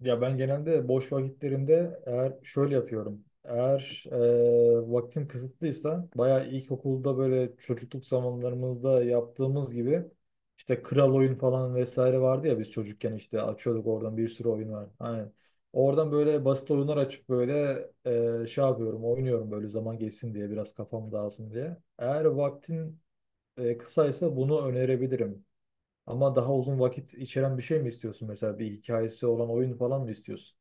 Ya ben genelde boş vakitlerimde eğer şöyle yapıyorum. Eğer vaktim kısıtlıysa bayağı ilkokulda böyle çocukluk zamanlarımızda yaptığımız gibi işte kral oyun falan vesaire vardı ya, biz çocukken işte açıyorduk, oradan bir sürü oyun var. Aynen. Oradan böyle basit oyunlar açıp böyle şey yapıyorum, oynuyorum böyle, zaman geçsin diye, biraz kafam dağılsın diye. Eğer vaktin kısaysa bunu önerebilirim. Ama daha uzun vakit içeren bir şey mi istiyorsun, mesela bir hikayesi olan oyun falan mı istiyorsun?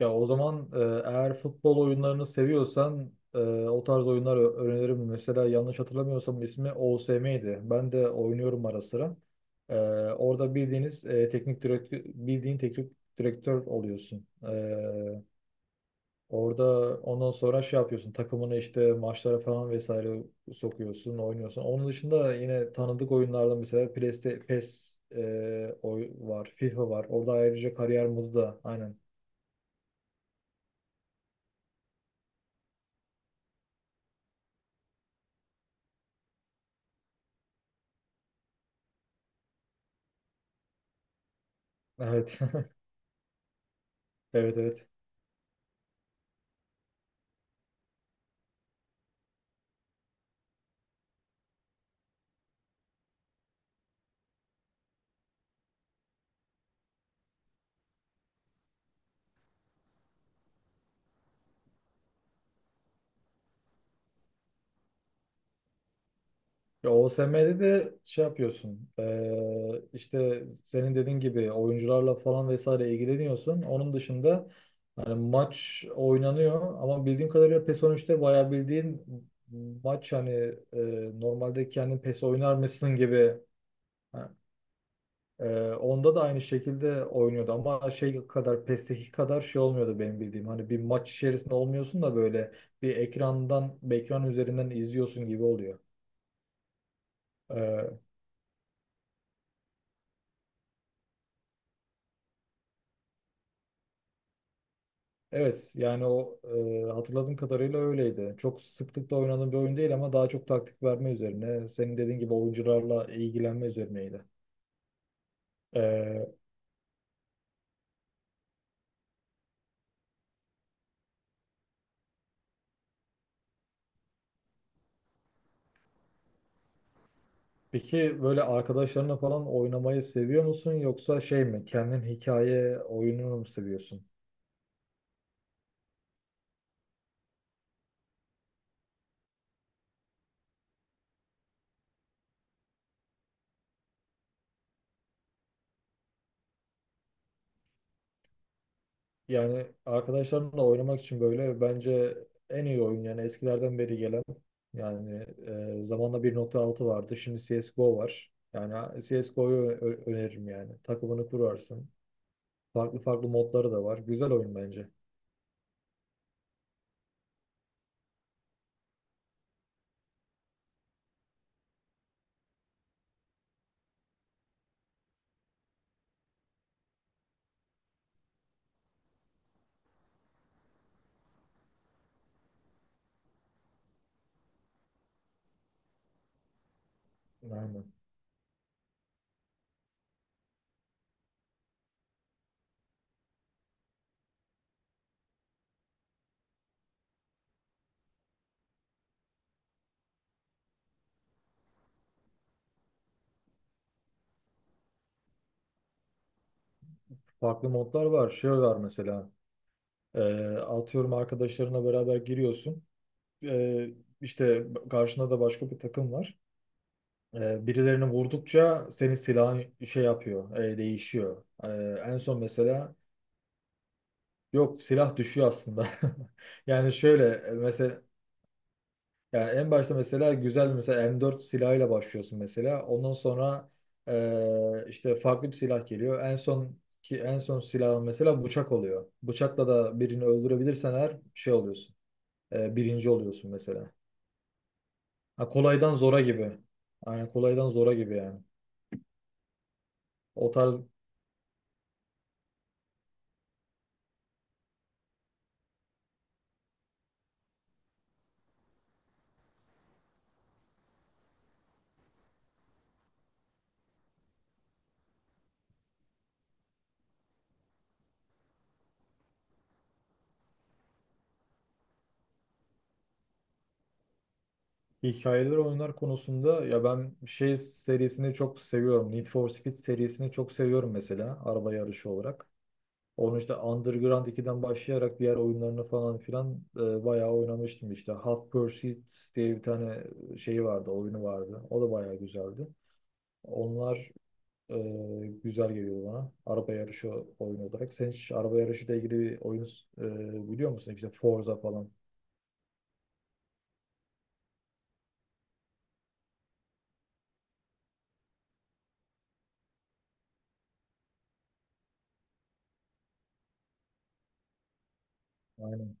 Ya o zaman eğer futbol oyunlarını seviyorsan o tarz oyunlar öneririm. Mesela yanlış hatırlamıyorsam ismi OSM'ydi. Ben de oynuyorum ara sıra. E, Orada bildiğiniz teknik direktör, bildiğin teknik direktör oluyorsun. Orada ondan sonra şey yapıyorsun. Takımını işte maçlara falan vesaire sokuyorsun, oynuyorsun. Onun dışında yine tanıdık oyunlardan mesela PES'te, PES oy var, FIFA var. Orada ayrıca kariyer modu da, aynen. Evet. Evet, evet. Ya OSM'de de şey yapıyorsun. İşte senin dediğin gibi oyuncularla falan vesaire ilgileniyorsun. Onun dışında hani maç oynanıyor ama bildiğim kadarıyla PES 13'te bayağı bildiğin maç, hani normalde kendin PES oynar mısın gibi. Ha, onda da aynı şekilde oynuyordu ama şey kadar, PES'teki kadar şey olmuyordu benim bildiğim. Hani bir maç içerisinde olmuyorsun da böyle bir ekrandan, bir ekran üzerinden izliyorsun gibi oluyor. Evet, yani o hatırladığım kadarıyla öyleydi. Çok sıklıkla oynadığım bir oyun değil ama daha çok taktik verme üzerine. Senin dediğin gibi oyuncularla ilgilenme üzerineydi. E, peki böyle arkadaşlarına falan oynamayı seviyor musun, yoksa şey mi, kendin hikaye oyununu mu seviyorsun? Yani arkadaşlarınla oynamak için böyle, bence en iyi oyun, yani eskilerden beri gelen, yani zamanla 1.6 vardı, şimdi CSGO var. Yani CSGO'yu öneririm, yani takımını kurarsın. Farklı farklı modları da var. Güzel oyun bence. Aynen. Farklı modlar var. Şey var mesela. e, Atıyorum, arkadaşlarına beraber giriyorsun. E, işte karşında da başka bir takım var. E, birilerini vurdukça senin silahın şey yapıyor, değişiyor. E, en son mesela, yok, silah düşüyor aslında. Yani şöyle, mesela yani en başta mesela güzel bir, mesela M4 silahıyla başlıyorsun mesela. Ondan sonra işte farklı bir silah geliyor. En son ki en son silahın mesela bıçak oluyor. Bıçakla da birini öldürebilirsen her şey oluyorsun. Birinci oluyorsun mesela. Ha, kolaydan zora gibi. Aynen, kolaydan zora gibi yani. O tarz hikayeler, oyunlar konusunda ya ben şey serisini çok seviyorum. Need for Speed serisini çok seviyorum mesela, araba yarışı olarak. Onu işte Underground ikiden başlayarak diğer oyunlarını falan filan bayağı oynamıştım işte. Hot Pursuit diye bir tane şeyi vardı, oyunu vardı. O da bayağı güzeldi. Onlar e, güzel geliyor bana, araba yarışı oyunu olarak. Sen hiç araba yarışıyla ilgili bir oyun biliyor musun? İşte Forza falan. Aynen.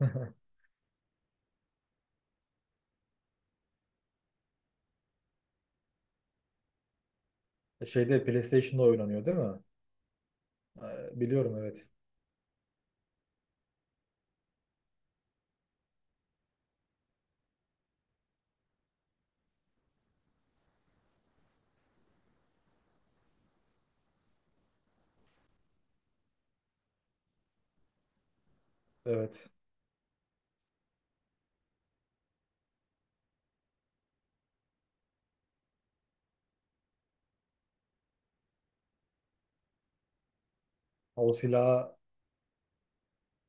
Şeyde, PlayStation'da oynanıyor değil mi? E, biliyorum, evet. Evet. O silah,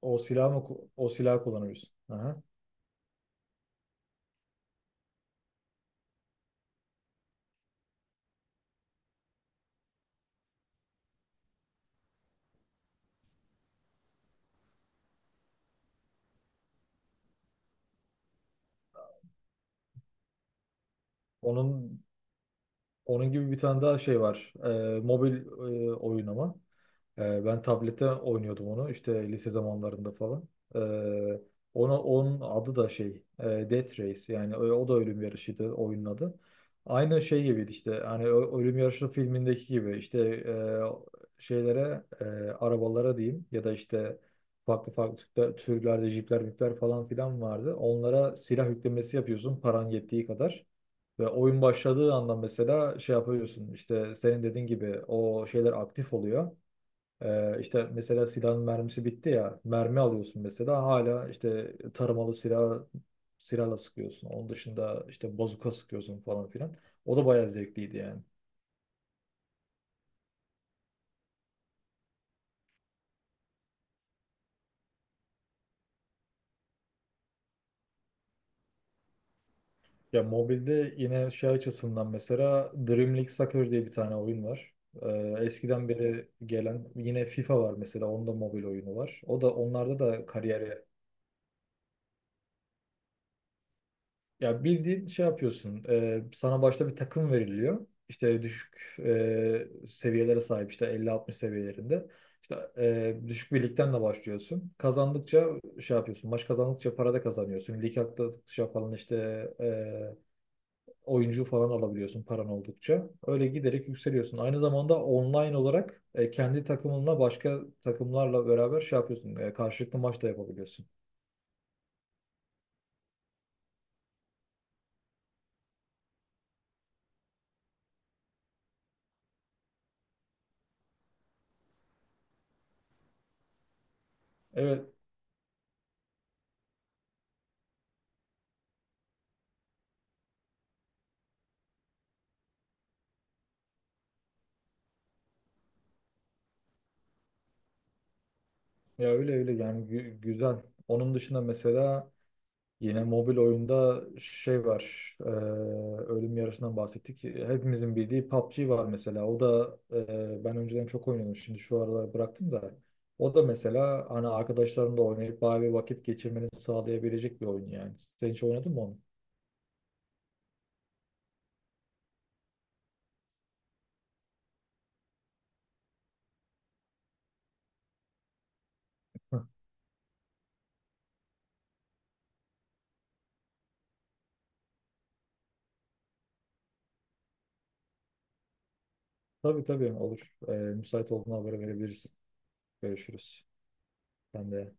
o silah kullanıyorsun? Aha. Onun Onun gibi bir tane daha şey var. Mobil oyun ama. Ben tablette oynuyordum onu, işte lise zamanlarında falan. Ee, Ona, onun adı da şey, Death Race, yani o, o da ölüm yarışıydı oyunun adı. Aynı şey gibiydi işte, hani ölüm yarışı filmindeki gibi, işte şeylere, arabalara diyeyim ya da, işte farklı farklı türlerde jipler mipler falan filan vardı. Onlara silah yüklemesi yapıyorsun, paran yettiği kadar. Ve oyun başladığı anda mesela şey yapıyorsun, işte senin dediğin gibi o şeyler aktif oluyor. İşte mesela silahın mermisi bitti ya, mermi alıyorsun mesela, hala işte tarımalı silah, silahla sıkıyorsun. Onun dışında işte bazuka sıkıyorsun falan filan. O da bayağı zevkliydi yani. Ya mobilde yine şey açısından mesela Dream League Soccer diye bir tane oyun var. Eskiden beri gelen yine FIFA var mesela, onun da mobil oyunu var. O da, onlarda da kariyer. Ya bildiğin şey yapıyorsun. Sana başta bir takım veriliyor. İşte düşük seviyelere sahip, işte 50-60 seviyelerinde. İşte düşük bir ligden de başlıyorsun. Kazandıkça şey yapıyorsun. Maç kazandıkça para da kazanıyorsun. Lig atladıkça falan işte oyuncu falan alabiliyorsun, paran oldukça. Öyle giderek yükseliyorsun. Aynı zamanda online olarak kendi takımınla başka takımlarla beraber şey yapıyorsun. E, karşılıklı maç da yapabiliyorsun. Evet. Ya öyle öyle yani, güzel. Onun dışında mesela, yine mobil oyunda şey var. Ölüm yarışından bahsettik. Hepimizin bildiği PUBG var mesela. O da ben önceden çok oynuyordum. Şimdi şu aralar bıraktım da. O da mesela hani arkadaşlarımla oynayıp bayağı bir vakit geçirmeni sağlayabilecek bir oyun yani. Sen hiç oynadın mı onu? Heh, tabii tabii olur. Müsait olduğuna haber verebiliriz. Görüşürüz. Ben de.